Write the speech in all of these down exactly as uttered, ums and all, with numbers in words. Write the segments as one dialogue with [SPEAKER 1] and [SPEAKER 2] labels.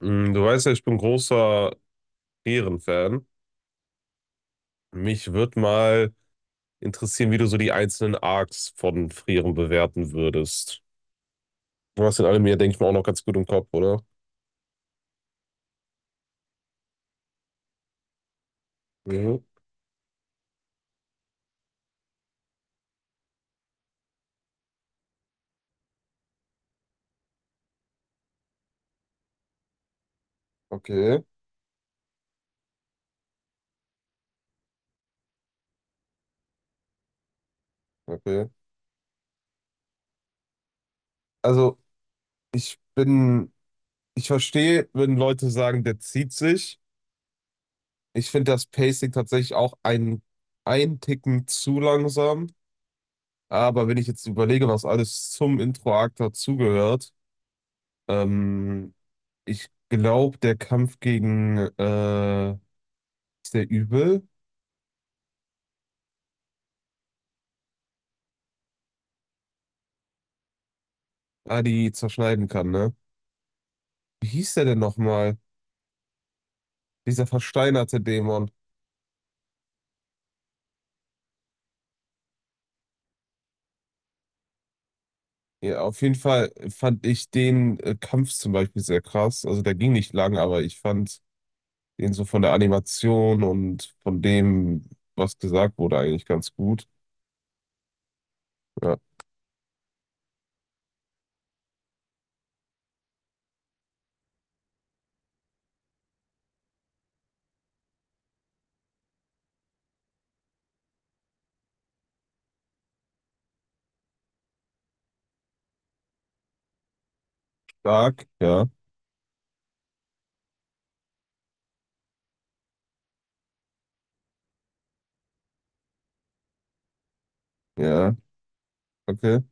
[SPEAKER 1] Mm, Du weißt ja, ich bin großer Frieren-Fan. Mich würde mal interessieren, wie du so die einzelnen Arcs von Frieren bewerten würdest. Du hast in allem hier denke ich mal, auch noch ganz gut im Kopf, oder? Mhm. Okay, okay. Also, ich bin, ich verstehe, wenn Leute sagen, der zieht sich. Ich finde das Pacing tatsächlich auch ein, ein Ticken zu langsam. Aber wenn ich jetzt überlege, was alles zum Intro-Arc dazugehört. ähm, Ich glaube, der Kampf gegen, äh, ist der Übel, ah, die zerschneiden kann, ne? Wie hieß der denn nochmal? Dieser versteinerte Dämon. Ja, auf jeden Fall fand ich den äh, Kampf zum Beispiel sehr krass. Also der ging nicht lang, aber ich fand den so von der Animation und von dem, was gesagt wurde, eigentlich ganz gut. Ja. Stark, ja, ja, okay.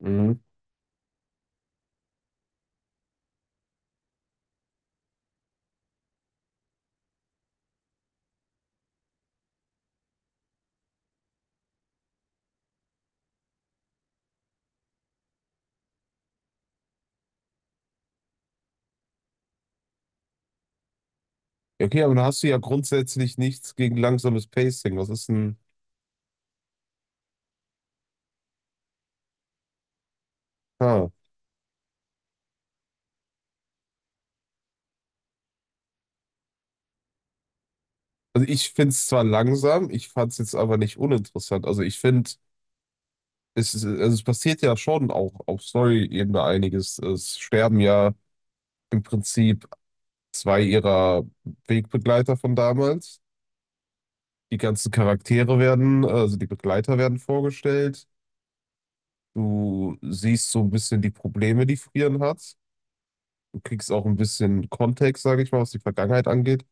[SPEAKER 1] Mhm. Ja, okay, aber da hast du ja grundsätzlich nichts gegen langsames Pacing. Was ist denn? Ah. Also ich finde es zwar langsam, ich fand es jetzt aber nicht uninteressant. Also ich finde, es ist, also es passiert ja schon auch auf Story-Ebene einiges. Es sterben ja im Prinzip zwei ihrer Wegbegleiter von damals. Die ganzen Charaktere werden, also die Begleiter werden vorgestellt. Du siehst so ein bisschen die Probleme, die Frieren hat. Du kriegst auch ein bisschen Kontext, sage ich mal, was die Vergangenheit angeht.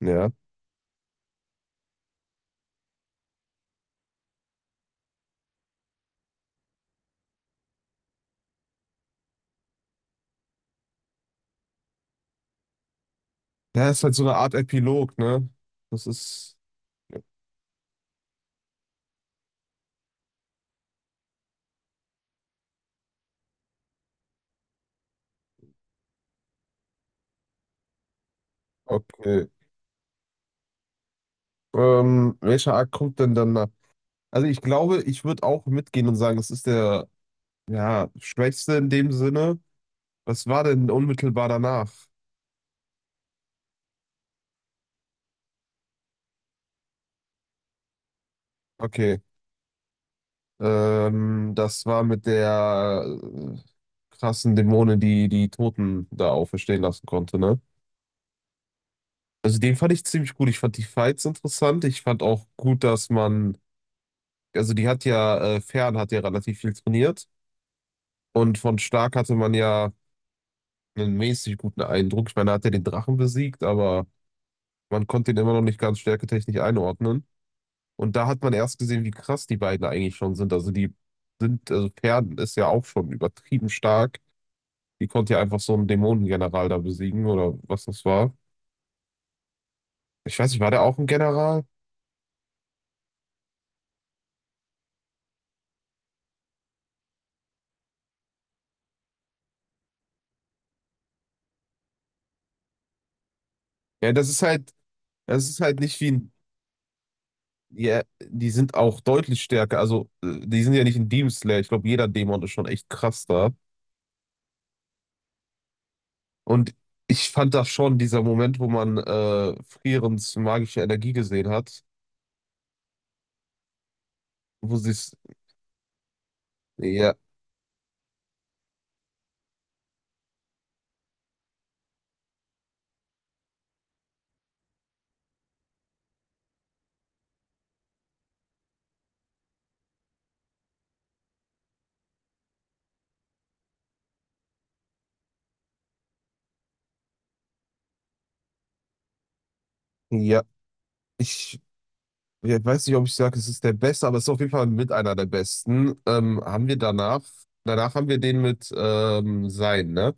[SPEAKER 1] Ja. Ja, ist halt so eine Art Epilog, ne? Das ist okay. Ähm, welcher Arc kommt denn dann nach? Also ich glaube, ich würde auch mitgehen und sagen, das ist der, ja, schwächste in dem Sinne. Was war denn unmittelbar danach? Okay. Ähm, das war mit der, äh, krassen Dämonin, die die Toten da auferstehen lassen konnte, ne? Also den fand ich ziemlich gut. Ich fand die Fights interessant. Ich fand auch gut, dass man, also die hat ja, äh, Fern hat ja relativ viel trainiert. Und von Stark hatte man ja einen mäßig guten Eindruck. Ich meine, er hat ja den Drachen besiegt, aber man konnte ihn immer noch nicht ganz stärketechnisch einordnen. Und da hat man erst gesehen, wie krass die beiden eigentlich schon sind. Also die sind, also Pferden ist ja auch schon übertrieben stark. Die konnte ja einfach so einen Dämonengeneral da besiegen oder was das war. Ich weiß nicht, war der auch ein General? Ja, das ist halt, das ist halt nicht wie ein, ja, die sind auch deutlich stärker. Also äh, die sind ja nicht ein Demon Slayer. Ich glaube, jeder Dämon ist schon echt krass da. Und ich fand das schon, dieser Moment, wo man, äh, Frierens magische Energie gesehen hat, wo sie es, ja. Ja, ich, ja, ich weiß nicht, ob ich sage, es ist der beste, aber es ist auf jeden Fall mit einer der besten. Ähm, haben wir danach, danach haben wir den mit, ähm, Sein, ne?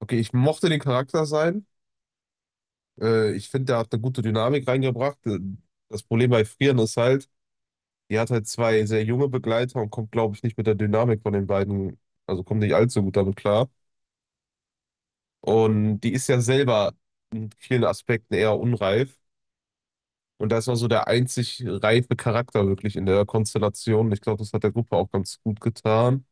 [SPEAKER 1] Okay, ich mochte den Charakter Sein. Äh, ich finde, der hat eine gute Dynamik reingebracht. Äh, Das Problem bei Frieren ist halt, die hat halt zwei sehr junge Begleiter und kommt, glaube ich, nicht mit der Dynamik von den beiden, also kommt nicht allzu gut damit klar. Und die ist ja selber in vielen Aspekten eher unreif. Und da ist noch so der einzig reife Charakter wirklich in der Konstellation. Ich glaube, das hat der Gruppe auch ganz gut getan.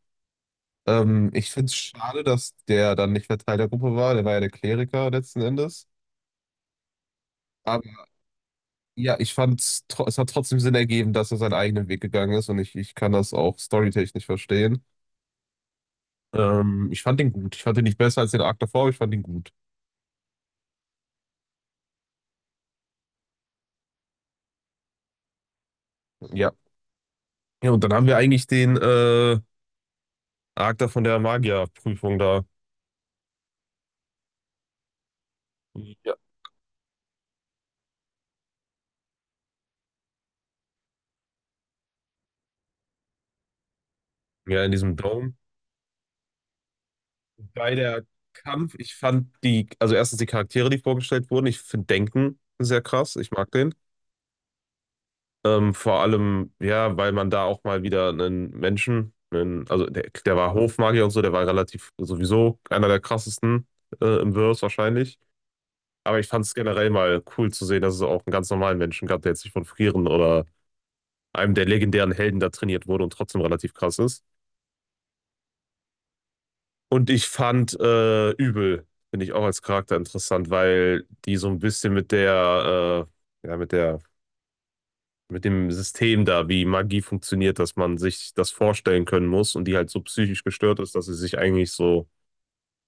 [SPEAKER 1] Ähm, ich finde es schade, dass der dann nicht mehr Teil der Gruppe war. Der war ja der Kleriker letzten Endes. Aber ja, ich fand es, hat trotzdem Sinn ergeben, dass er seinen eigenen Weg gegangen ist. Und ich, ich kann das auch storytechnisch verstehen. Ähm, ich fand den gut. Ich fand den nicht besser als den Arc davor, aber ich fand ihn gut. Ja. Ja, und dann haben wir eigentlich den, äh, Arc da von der Magierprüfung da. Ja. Ja, in diesem Dome. Bei der Kampf, ich fand die, also erstens die Charaktere, die vorgestellt wurden, ich finde Denken sehr krass, ich mag den. Ähm, vor allem, ja, weil man da auch mal wieder einen Menschen, einen, also der, der war Hofmagier und so, der war relativ sowieso einer der krassesten, äh, im Verse wahrscheinlich. Aber ich fand es generell mal cool zu sehen, dass es auch einen ganz normalen Menschen gab, der jetzt nicht von Frieren oder einem der legendären Helden da trainiert wurde und trotzdem relativ krass ist. Und ich fand, äh, Übel, finde ich auch als Charakter interessant, weil die so ein bisschen mit der, äh, ja, mit der, mit dem System da, wie Magie funktioniert, dass man sich das vorstellen können muss und die halt so psychisch gestört ist, dass sie sich eigentlich so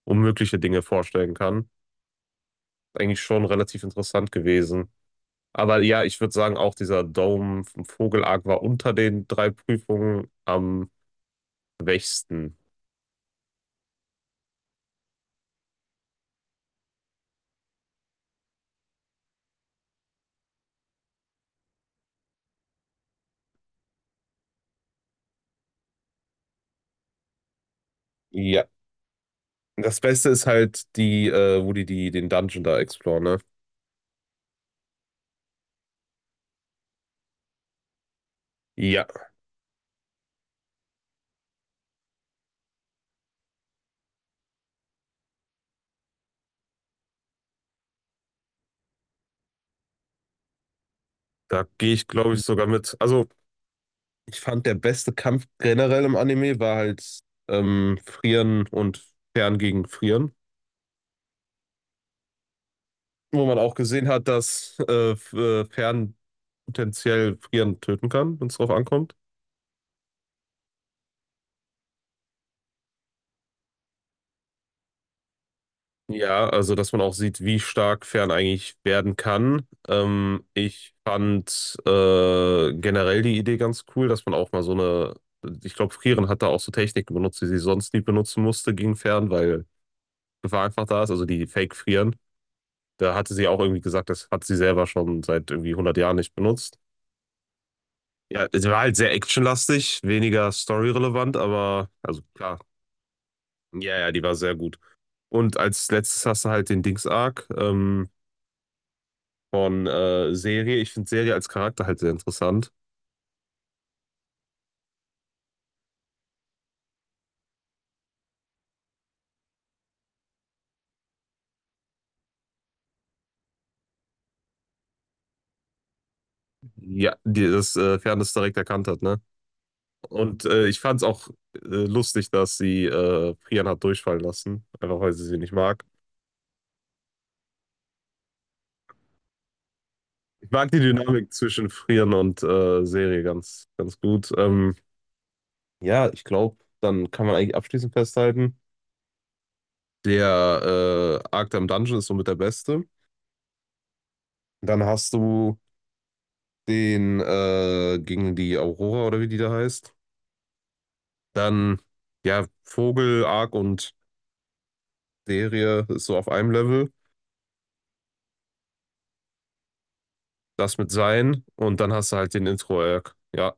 [SPEAKER 1] unmögliche Dinge vorstellen kann. Eigentlich schon relativ interessant gewesen. Aber ja, ich würde sagen, auch dieser Dome vom Vogelarg war unter den drei Prüfungen am schwächsten. Ja. Das Beste ist halt die, äh, wo die, die den Dungeon da exploren, ne? Ja. Da gehe ich, glaube ich, sogar mit. Also, ich fand, der beste Kampf generell im Anime war halt, ähm, Frieren und Fern gegen Frieren, wo man auch gesehen hat, dass äh, F- äh, Fern potenziell Frieren töten kann, wenn es drauf ankommt. Ja, also, dass man auch sieht, wie stark Fern eigentlich werden kann. Ähm, ich fand, äh, generell die Idee ganz cool, dass man auch mal so eine. Ich glaube, Frieren hat da auch so Techniken benutzt, die sie sonst nie benutzen musste gegen Fern, weil Gefahr einfach da ist, also die Fake-Frieren. Da hatte sie auch irgendwie gesagt, das hat sie selber schon seit irgendwie hundert Jahren nicht benutzt. Ja, sie war halt sehr actionlastig, weniger storyrelevant, aber also klar, ja, ja, die war sehr gut. Und als letztes hast du halt den Dings-Arc, ähm, von, äh, Serie. Ich finde Serie als Charakter halt sehr interessant. Ja, die das, äh, Fairness direkt erkannt hat, ne? Und äh, ich fand es auch, äh, lustig, dass sie, äh, Frian hat durchfallen lassen, einfach weil sie sie nicht mag. Ich mag die Dynamik zwischen Frieren und, äh, Serie ganz, ganz gut. Ähm, Ja, ich glaube, dann kann man eigentlich abschließend festhalten, der, äh, Arkham Dungeon ist somit der beste. Dann hast du den, äh, gegen die Aurora oder wie die da heißt. Dann, ja, Vogel, Ark und Derie ist so auf einem Level. Das mit Sein und dann hast du halt den Intro-Arc. Ja.